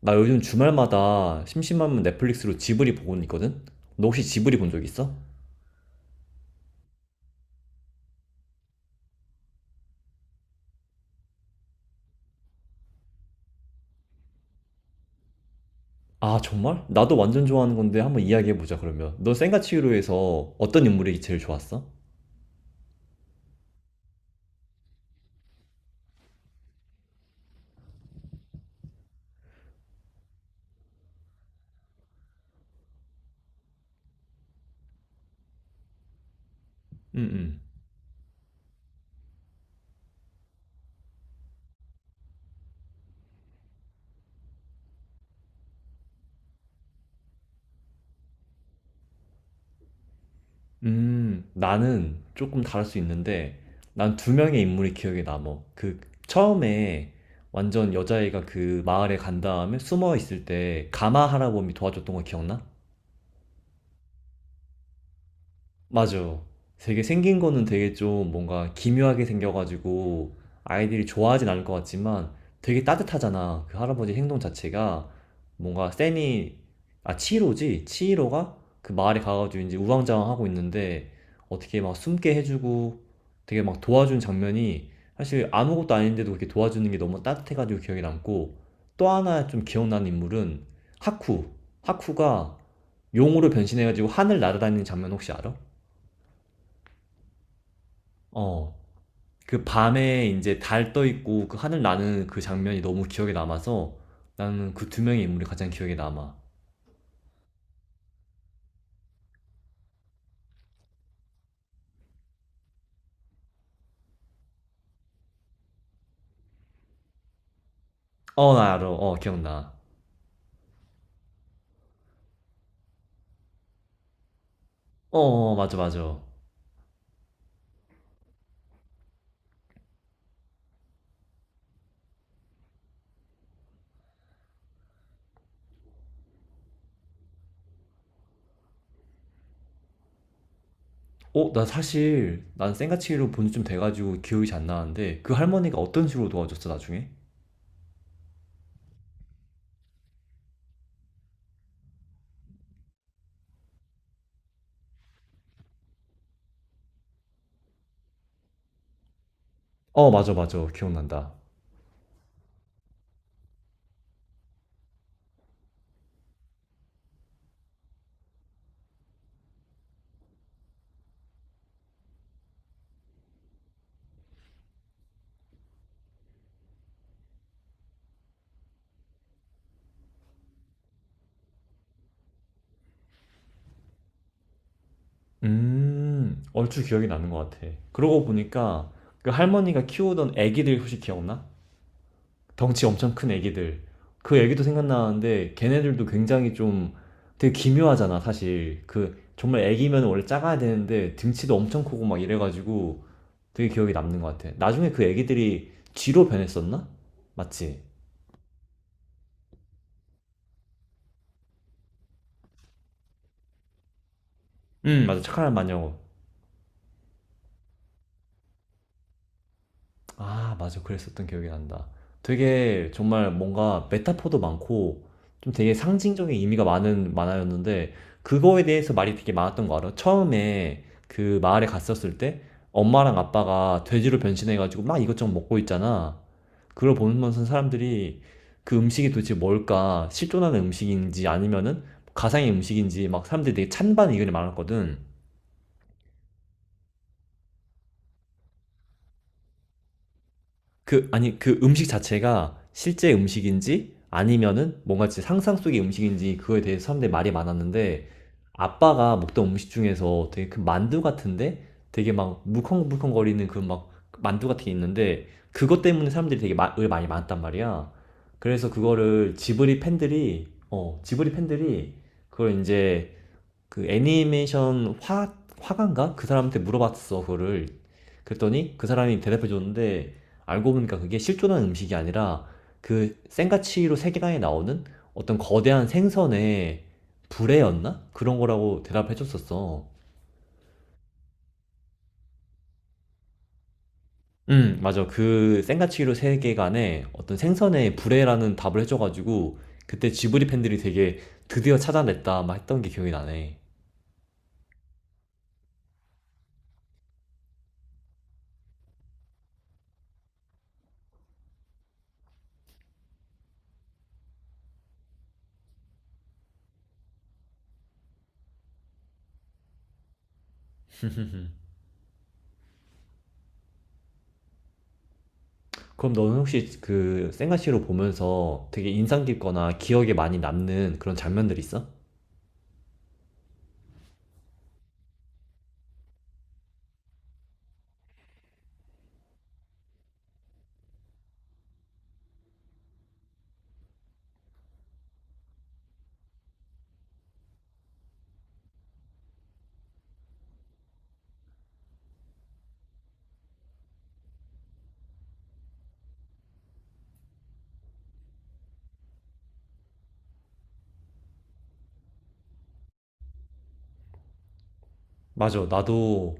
나 요즘 주말마다 심심하면 넷플릭스로 지브리 보고는 있거든? 너 혹시 지브리 본 적 있어? 아, 정말? 나도 완전 좋아하는 건데 한번 이야기해보자, 그러면. 너 센과 치히로에서 어떤 인물이 제일 좋았어? 음, 음. 나는 조금 다를 수 있는데, 난 두 명의 인물이 기억에 남어. 그, 처음에 완전 여자애가 그 마을에 간 다음에 숨어 있을 때 가마 할아범이 도와줬던 거 기억나? 맞아. 되게 생긴 거는 되게 좀 뭔가 기묘하게 생겨가지고 아이들이 좋아하진 않을 것 같지만 되게 따뜻하잖아. 그 할아버지 행동 자체가 뭔가 세니, 아, 치히로지? 치히로가 그 마을에 가가지고 이제 우왕좌왕 하고 있는데 어떻게 막 숨게 해주고 되게 막 도와준 장면이 사실 아무것도 아닌데도 그렇게 도와주는 게 너무 따뜻해가지고 기억에 남고 또 하나 좀 기억나는 인물은 하쿠. 하쿠가 용으로 변신해가지고 하늘 날아다니는 장면 혹시 알아? 어. 그 밤에 이제 달 떠 있고 그 하늘 나는 그 장면이 너무 기억에 남아서 나는 그 두 명의 인물이 가장 기억에 남아. 어, 나 알아. 어, 기억나. 어, 어, 어, 맞아, 맞아. 어, 나 사실 난 생가치로 본지 좀 돼가지고 기억이 잘 안 나는데 그 할머니가 어떤 식으로 도와줬어, 나중에? 어, 맞아, 맞아. 기억난다. 얼추 기억이 나는 것 같아. 그러고 보니까 그 할머니가 키우던 애기들 혹시 기억나? 덩치 엄청 큰 애기들. 그 애기도 생각나는데 걔네들도 굉장히 좀 되게 기묘하잖아, 사실. 그 정말 애기면 원래 작아야 되는데 등치도 엄청 크고 막 이래가지고 되게 기억에 남는 것 같아. 나중에 그 애기들이 쥐로 변했었나? 맞지? 응, 맞아. 착한 마녀 아, 맞아. 그랬었던 기억이 난다. 되게 정말 뭔가 메타포도 많고 좀 되게 상징적인 의미가 많은 만화였는데 그거에 대해서 말이 되게 많았던 거 알아? 처음에 그 마을에 갔었을 때 엄마랑 아빠가 돼지로 변신해가지고 막 이것저것 먹고 있잖아. 그걸 보면서 사람들이 그 음식이 도대체 뭘까? 실존하는 음식인지 아니면은 가상의 음식인지 막 사람들이 되게 찬반 의견이 많았거든. 그 아니 그 음식 자체가 실제 음식인지 아니면은 뭔가 진짜 상상 속의 음식인지 그거에 대해서 사람들이 말이 많았는데 아빠가 먹던 음식 중에서 되게 그 만두 같은데 되게 막 물컹물컹거리는 그 막 만두 같은 게 있는데 그것 때문에 사람들이 되게 마, 의 많이 많았단 말이야. 그래서 그거를 지브리 팬들이 지브리 팬들이 그걸 이제 그 애니메이션 화 화가인가? 그 사람한테 물어봤어 그거를. 그랬더니 그 사람이 대답해 줬는데 알고 보니까 그게 실존한 음식이 아니라 그 센가치로 세계관에 나오는 어떤 거대한 생선의 불에였나? 그런 거라고 대답해 줬었어. 맞아. 그 센가치히로 세계관에 어떤 생선의 불에라는 답을 해줘가지고 그때 지브리 팬들이 되게 드디어 찾아냈다 막 했던 게 기억이 나네. 그럼 너는 혹시 그 생가시로 보면서 되게 인상 깊거나 기억에 많이 남는 그런 장면들 있어? 맞아. 나도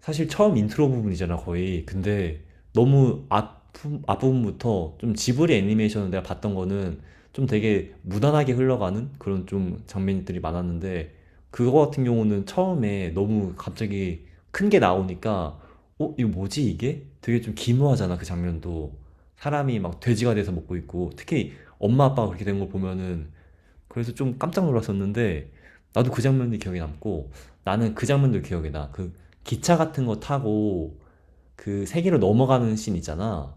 사실 처음 인트로 부분이잖아, 거의. 근데 너무 앞, 앞부분부터 좀 지브리 애니메이션을 내가 봤던 거는 좀 되게 무난하게 흘러가는 그런 좀 장면들이 많았는데 그거 같은 경우는 처음에 너무 갑자기 큰 게 나오니까 어, 이거 뭐지 이게? 되게 좀 기묘하잖아, 그 장면도. 사람이 막 돼지가 돼서 먹고 있고 특히 엄마 아빠가 그렇게 된 걸 보면은 그래서 좀 깜짝 놀랐었는데 나도 그 장면이 기억에 남고 나는 그 장면도 기억이 나. 그 기차 같은 거 타고 그 세계로 넘어가는 씬 있잖아.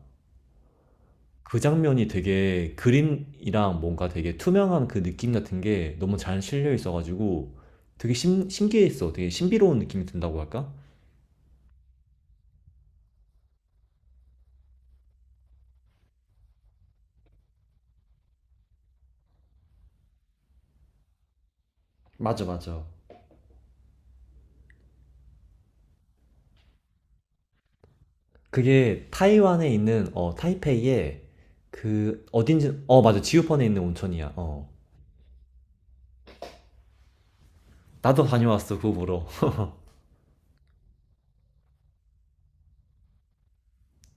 그 장면이 되게 그림이랑 뭔가 되게 투명한 그 느낌 같은 게 너무 잘 실려 있어가지고 되게 신기했어. 되게 신비로운 느낌이 든다고 할까? 맞아, 맞아. 그게 타이완에 있는 타이페이에 그 어딘지 어 맞아 지우펀에 있는 온천이야. 어 나도 다녀왔어 그거 보러.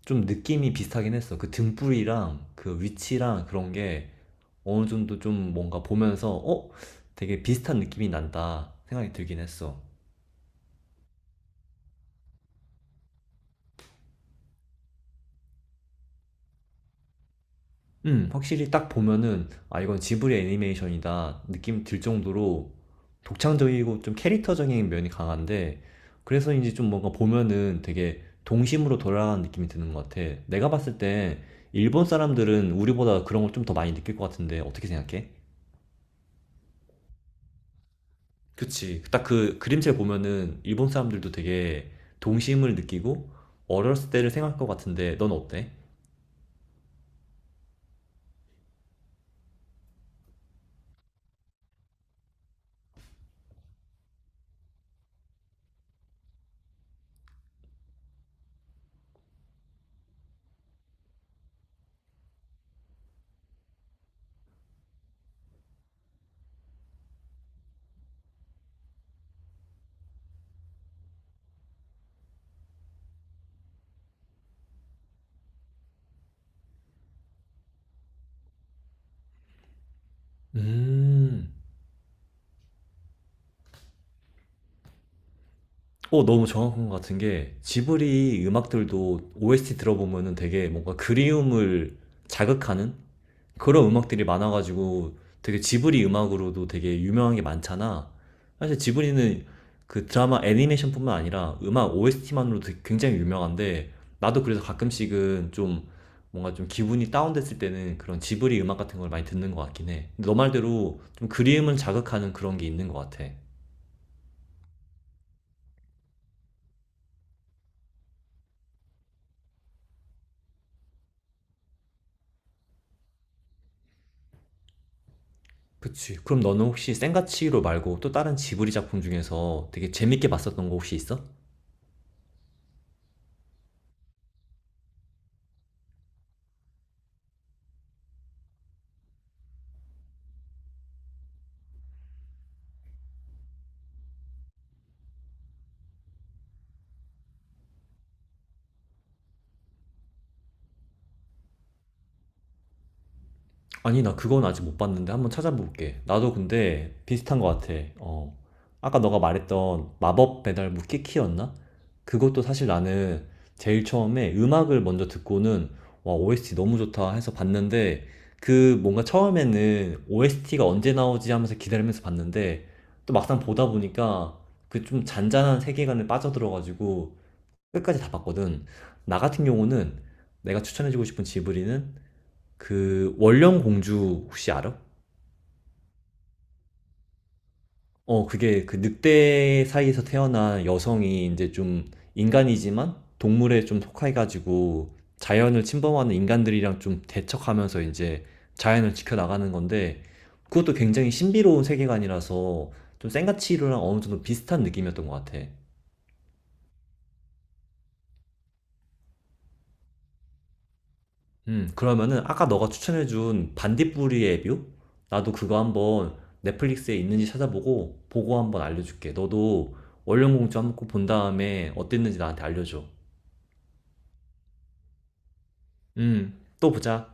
좀 느낌이 비슷하긴 했어. 그 등불이랑 그 위치랑 그런 게 어느 정도 좀 뭔가 보면서 어? 되게 비슷한 느낌이 난다 생각이 들긴 했어. 확실히 딱 보면은 아 이건 지브리 애니메이션이다 느낌 들 정도로 독창적이고 좀 캐릭터적인 면이 강한데 그래서인지 좀 뭔가 보면은 되게 동심으로 돌아가는 느낌이 드는 것 같아. 내가 봤을 때 일본 사람들은 우리보다 그런 걸 좀 더 많이 느낄 것 같은데 어떻게 생각해? 그치. 딱 그 그림체 보면은 일본 사람들도 되게 동심을 느끼고 어렸을 때를 생각할 것 같은데 넌 어때? 음. 어, 너무 정확한 것 같은 게 지브리 음악들도 OST 들어보면은 되게 뭔가 그리움을 자극하는 그런 음악들이 많아가지고 되게 지브리 음악으로도 되게 유명한 게 많잖아. 사실 지브리는 그 드라마 애니메이션뿐만 아니라 음악 OST만으로도 굉장히 유명한데 나도 그래서 가끔씩은 좀 뭔가 좀 기분이 다운됐을 때는 그런 지브리 음악 같은 걸 많이 듣는 것 같긴 해. 근데 너 말대로 좀 그리움을 자극하는 그런 게 있는 것 같아. 그치. 그럼 너는 혹시 센과 치히로 말고 또 다른 지브리 작품 중에서 되게 재밌게 봤었던 거 혹시 있어? 아니, 나 그건 아직 못 봤는데 한번 찾아볼게. 나도 근데 비슷한 것 같아. 어. 아까 너가 말했던 마법 배달부 키키였나? 그것도 사실 나는 제일 처음에 음악을 먼저 듣고는 와, OST 너무 좋다 해서 봤는데 그 뭔가 처음에는 OST가 언제 나오지 하면서 기다리면서 봤는데 또 막상 보다 보니까 그 좀 잔잔한 세계관에 빠져들어가지고 끝까지 다 봤거든. 나 같은 경우는 내가 추천해주고 싶은 지브리는 그 원령 공주 혹시 알아? 어, 그게 그 늑대 사이에서 태어난 여성이 이제 좀 인간이지만 동물에 좀 속해가지고 자연을 침범하는 인간들이랑 좀 대척하면서 이제 자연을 지켜나가는 건데 그것도 굉장히 신비로운 세계관이라서 좀 생가치로랑 어느 정도 비슷한 느낌이었던 것 같아. 그러면은 아까 너가 추천해준 반딧불이의 뷰? 나도 그거 한번 넷플릭스에 있는지 찾아보고 보고 한번 알려줄게. 너도 원령공주 한번 꼭 본 다음에 어땠는지 나한테 알려줘. 음, 또 보자.